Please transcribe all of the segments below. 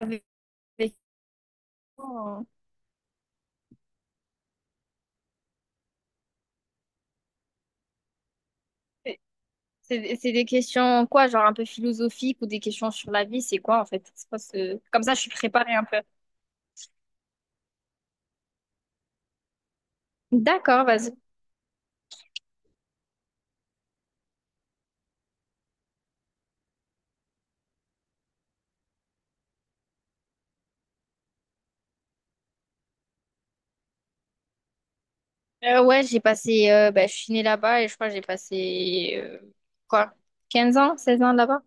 avec- Oh. C'est c'est des questions quoi, genre un peu philosophiques ou des questions sur la vie, c'est quoi en fait? C'est quoi comme ça, je suis préparée un peu. D'accord, vas-y. Ouais, j'ai passé, bah, je suis née là-bas et je crois que j'ai passé quoi, 15 ans, 16 ans là-bas.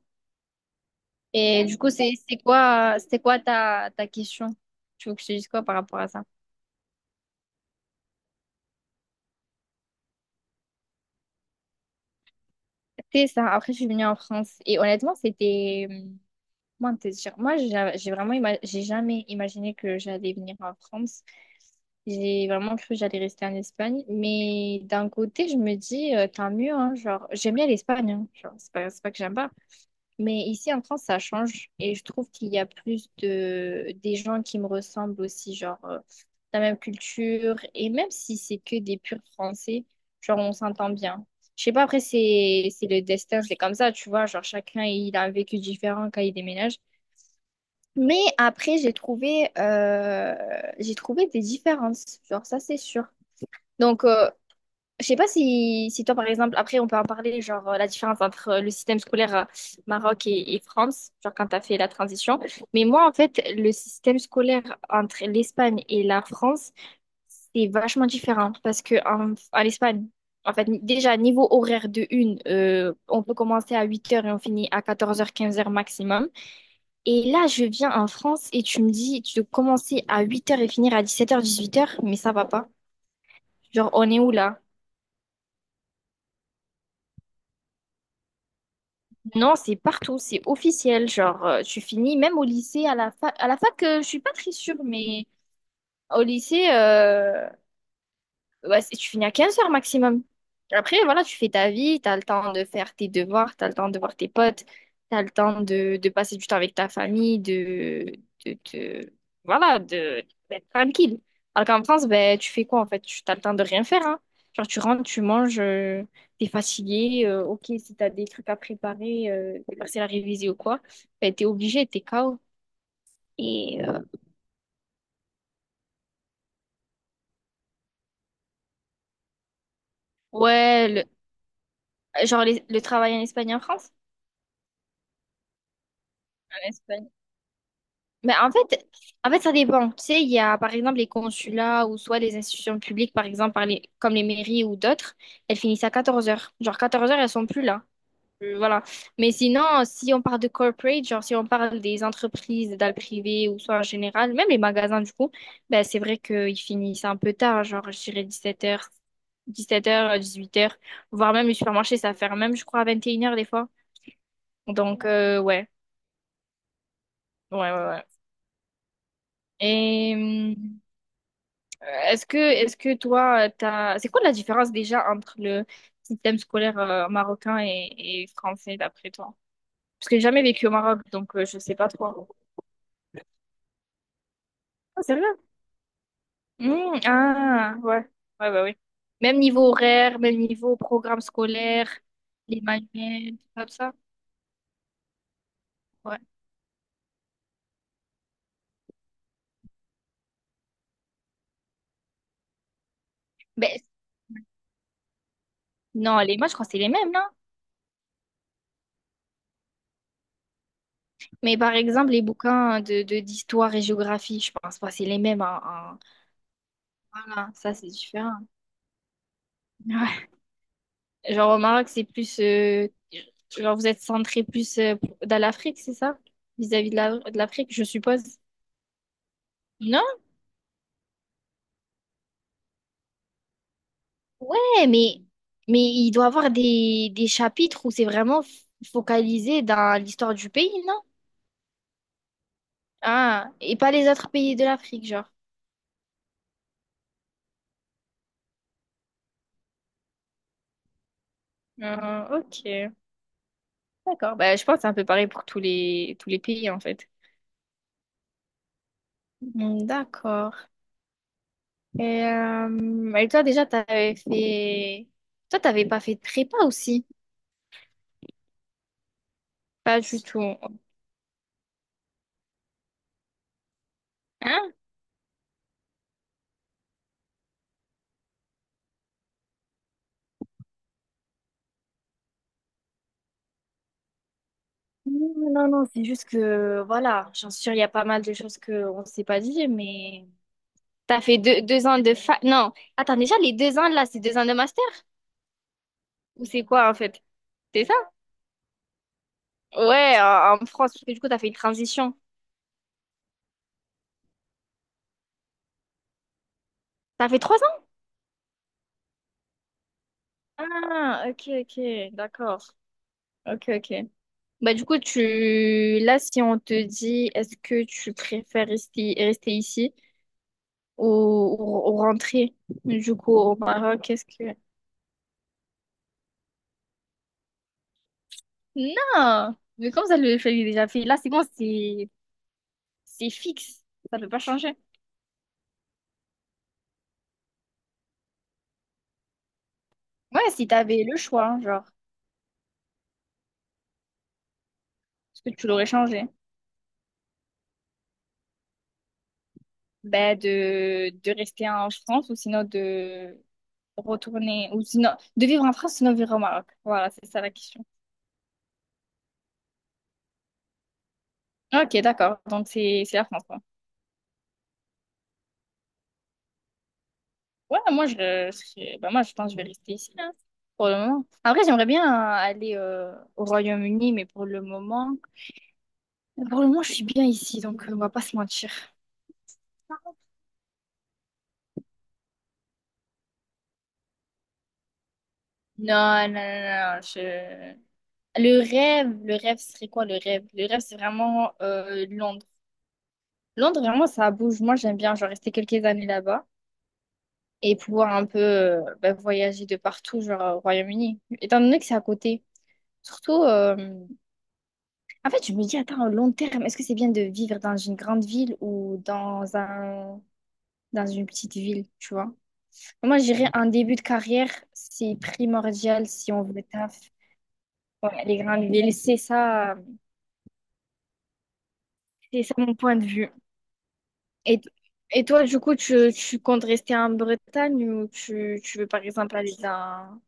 Et du coup, c'était quoi ta question? Tu veux que je te dise quoi par rapport à ça? C'était ça. Après, je suis venue en France et honnêtement, c'était... Moi, te dire, moi, j'ai vraiment, j'ai jamais imaginé que j'allais venir en France. J'ai vraiment cru que j'allais rester en Espagne. Mais d'un côté, je me dis, tant mieux, hein, genre, j'aime bien l'Espagne, hein, genre, c'est pas que j'aime pas. Mais ici, en France, ça change. Et je trouve qu'il y a plus de, des gens qui me ressemblent aussi, genre, la même culture. Et même si c'est que des purs Français, genre, on s'entend bien. Je sais pas, après, c'est le destin, c'est comme ça, tu vois. Genre, chacun, il a un vécu différent quand il déménage. Mais après, j'ai trouvé des différences, genre ça c'est sûr. Donc, je sais pas si, si toi par exemple, après on peut en parler, genre la différence entre le système scolaire Maroc et France, genre quand t'as fait la transition. Mais moi en fait, le système scolaire entre l'Espagne et la France, c'est vachement différent parce que en, en Espagne, en fait, déjà niveau horaire de une, on peut commencer à huit heures et on finit à quatorze heures quinze heures maximum. Et là, je viens en France et tu me dis, tu dois commencer à 8 heures et finir à 17 h, 18 heures, mais ça va pas. Genre, on est où là? Non, c'est partout, c'est officiel. Genre, tu finis même au lycée, à la fac. À la fac, je suis pas très sûre, mais au lycée, ouais, tu finis à 15 heures maximum. Après, voilà, tu fais ta vie, t'as le temps de faire tes devoirs, t'as le temps de voir tes potes, t'as le temps de passer du temps avec ta famille, de, de- voilà, de, d'être tranquille. Alors qu'en France, ben, tu fais quoi en fait? Tu T'as le temps de rien faire, hein. Genre, tu rentres, tu manges, t'es fatigué, ok, si t'as des trucs à préparer, des parcelles à réviser ou quoi, ben, t'es obligé, t'es KO. Et ouais, genre le travail en Espagne et en France? Mais en fait, ça dépend. Tu sais, il y a par exemple les consulats ou soit les institutions publiques, par exemple, par comme les mairies ou d'autres, elles finissent à 14 heures. Genre quatorze heures, elles sont plus là. Voilà. Mais sinon, si on parle de corporate, genre si on parle des entreprises dans le privé ou soit en général, même les magasins du coup, ben, c'est vrai qu'ils finissent un peu tard, genre je dirais dix-sept heures dix-huit heures, voire même les supermarchés, ça ferme même, je crois, à vingt et une heures des fois. Donc, ouais, ouais, ouais, ouais. Et. Est-ce que toi, t'as... c'est quoi la différence déjà entre le système scolaire marocain et français d'après toi? Parce que j'ai jamais vécu au Maroc, donc je sais pas trop. Ah, c'est vrai? Mmh, ah, ouais. Ouais, ouais, ouais. Même niveau horaire, même niveau programme scolaire, les manuels, tout comme ça. Ouais. Ben, non, les moi je crois que c'est les mêmes, non? Mais par exemple, les bouquins d'histoire et géographie, je pense pas que c'est les mêmes. Hein, hein. Voilà, ça c'est différent. Genre au Maroc, c'est plus... genre vous êtes centré plus dans l'Afrique, c'est ça? Vis-à-vis de l'Afrique, je suppose. Non? Ouais, mais, mais il doit y avoir des chapitres où c'est vraiment focalisé dans l'histoire du pays, non? Ah, et pas les autres pays de l'Afrique, genre. Ah, ok, d'accord. Bah, je pense que c'est un peu pareil pour tous les pays, en fait. Hmm, d'accord. Et toi, déjà, t'avais fait... Toi, t'avais pas fait de prépa aussi? Pas du tout. Hein. Non, non, non, c'est juste que, voilà, j'en suis sûre, il y a pas mal de choses qu'on ne s'est pas dit, mais... T'as fait deux ans de fac... Non, attends, déjà, les deux ans, là, c'est deux ans de master? Ou c'est quoi, en fait? C'est ça? Ouais, en, en France, parce que du coup, t'as fait une transition. T'as fait trois ans? Ah, ok, ok, d'accord. Ok, ok. Bah, du coup, tu... Là, si on te dit, est-ce que tu préfères rester ici ou rentrer, du coup, au Maroc, qu'est-ce que... Non, mais comme ça, le choix, il est déjà fait. Là, c'est bon, c'est fixe. Ça peut pas changer. Ouais, si t'avais le choix, hein, genre, est-ce que tu l'aurais changé? Ben, de rester en France ou sinon de retourner, ou sinon de vivre en France, sinon vivre au Maroc. Voilà, c'est ça la question. Ok, d'accord. Donc, c'est la France, quoi. Ouais, moi, ben, moi, je pense que je vais rester ici, hein, pour le moment. Après, j'aimerais bien aller au Royaume-Uni, mais pour le moment, je suis bien ici, donc on va pas se mentir. Non, non, non, non, je... le rêve serait quoi le rêve? Le rêve, c'est vraiment Londres. Londres, vraiment, ça bouge. Moi, j'aime bien, genre, rester quelques années là-bas et pouvoir un peu bah, voyager de partout, genre, au Royaume-Uni. Étant donné que c'est à côté. Surtout, en fait, je me dis, attends, au long terme, est-ce que c'est bien de vivre dans une grande ville ou dans un... dans une petite ville, tu vois? Moi, je dirais un début de carrière, c'est primordial si on veut taf. Ouais, les grandes villes, c'est ça. C'est ça mon point de vue. Et, et toi, du coup, tu comptes rester en Bretagne ou tu veux par exemple aller dans...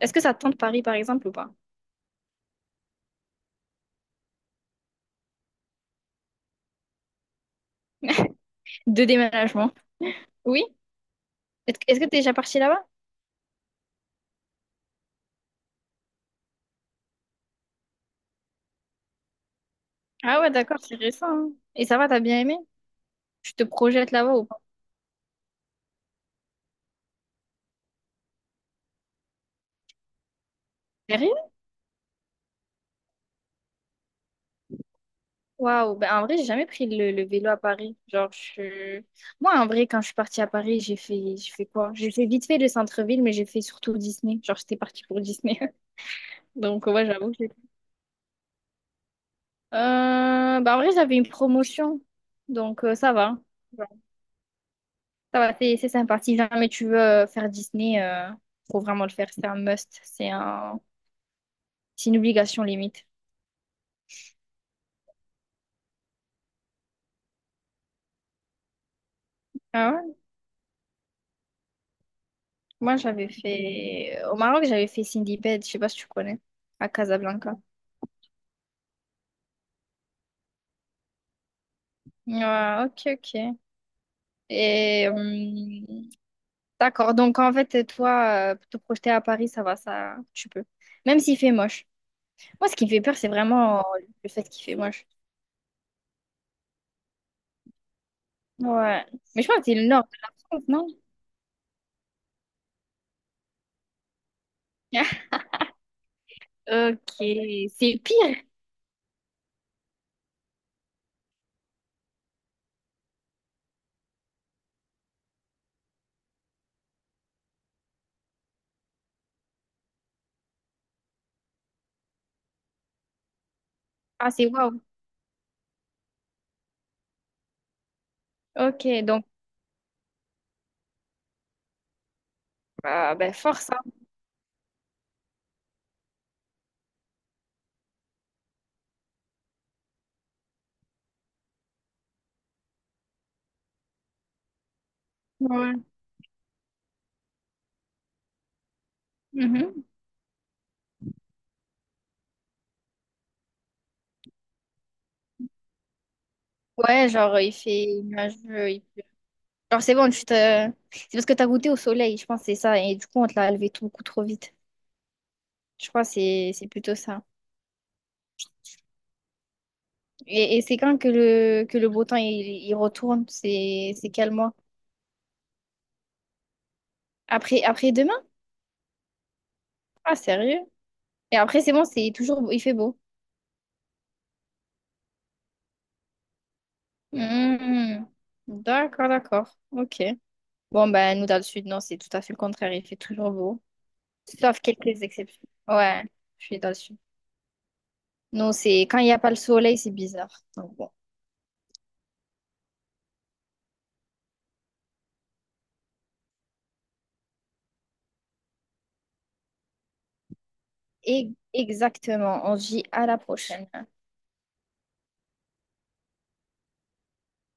Est-ce que ça te tente Paris par exemple ou pas? De déménagement. Oui? Est-ce que t'es déjà parti là-bas? Ah ouais, d'accord, c'est récent, hein. Et ça va, t'as bien aimé? Tu te projettes là-bas ou pas? Sérieux? Waouh, ben en vrai, j'ai jamais pris le vélo à Paris. Genre, je... Moi, en vrai, quand je suis partie à Paris, j'ai fait quoi? J'ai fait vite fait le centre-ville, mais j'ai fait surtout Disney. Genre, j'étais partie pour Disney. Donc, ouais, j'avoue. Bah en vrai, j'avais une promotion, donc ça va. Ouais. Ça va, c'est sympa. Si jamais tu veux faire Disney, faut vraiment le faire. C'est un must. C'est un... c'est une obligation limite. Ah ouais? Moi, j'avais fait... Au Maroc, j'avais fait Cindy Bed, je sais pas si tu connais, à Casablanca. Ouais, ok, ok. Et d'accord, donc en fait, toi, te projeter à Paris, ça va, ça, tu peux. Même s'il fait moche. Moi, ce qui me fait peur, c'est vraiment le fait qu'il fait moche. Ouais. Mais je crois que c'est le nord de la France, non? Ok, c'est pire. Ah, c'est wow. Ok, donc, ben, force, hein. Ouais. Mhm. Ouais, genre, il fait nuageux, il pleut. Genre, c'est bon, tu te... C'est parce que t'as goûté au soleil, je pense, que c'est ça. Et du coup, on te l'a levé tout, beaucoup trop vite. Je crois que c'est plutôt ça. Et c'est quand que que le beau temps, il retourne? C'est quel mois? Après, après demain? Ah, sérieux? Et après, c'est bon, c'est toujours... il fait beau. Mhm. D'accord, d'accord. Ok. Bon, ben, nous, dans le sud, non, c'est tout à fait le contraire. Il fait toujours beau. Sauf quelques exceptions. Ouais, je suis dans le sud. Non, c'est quand il n'y a pas le soleil, c'est bizarre. Donc, bon. Et exactement. On vit à la prochaine.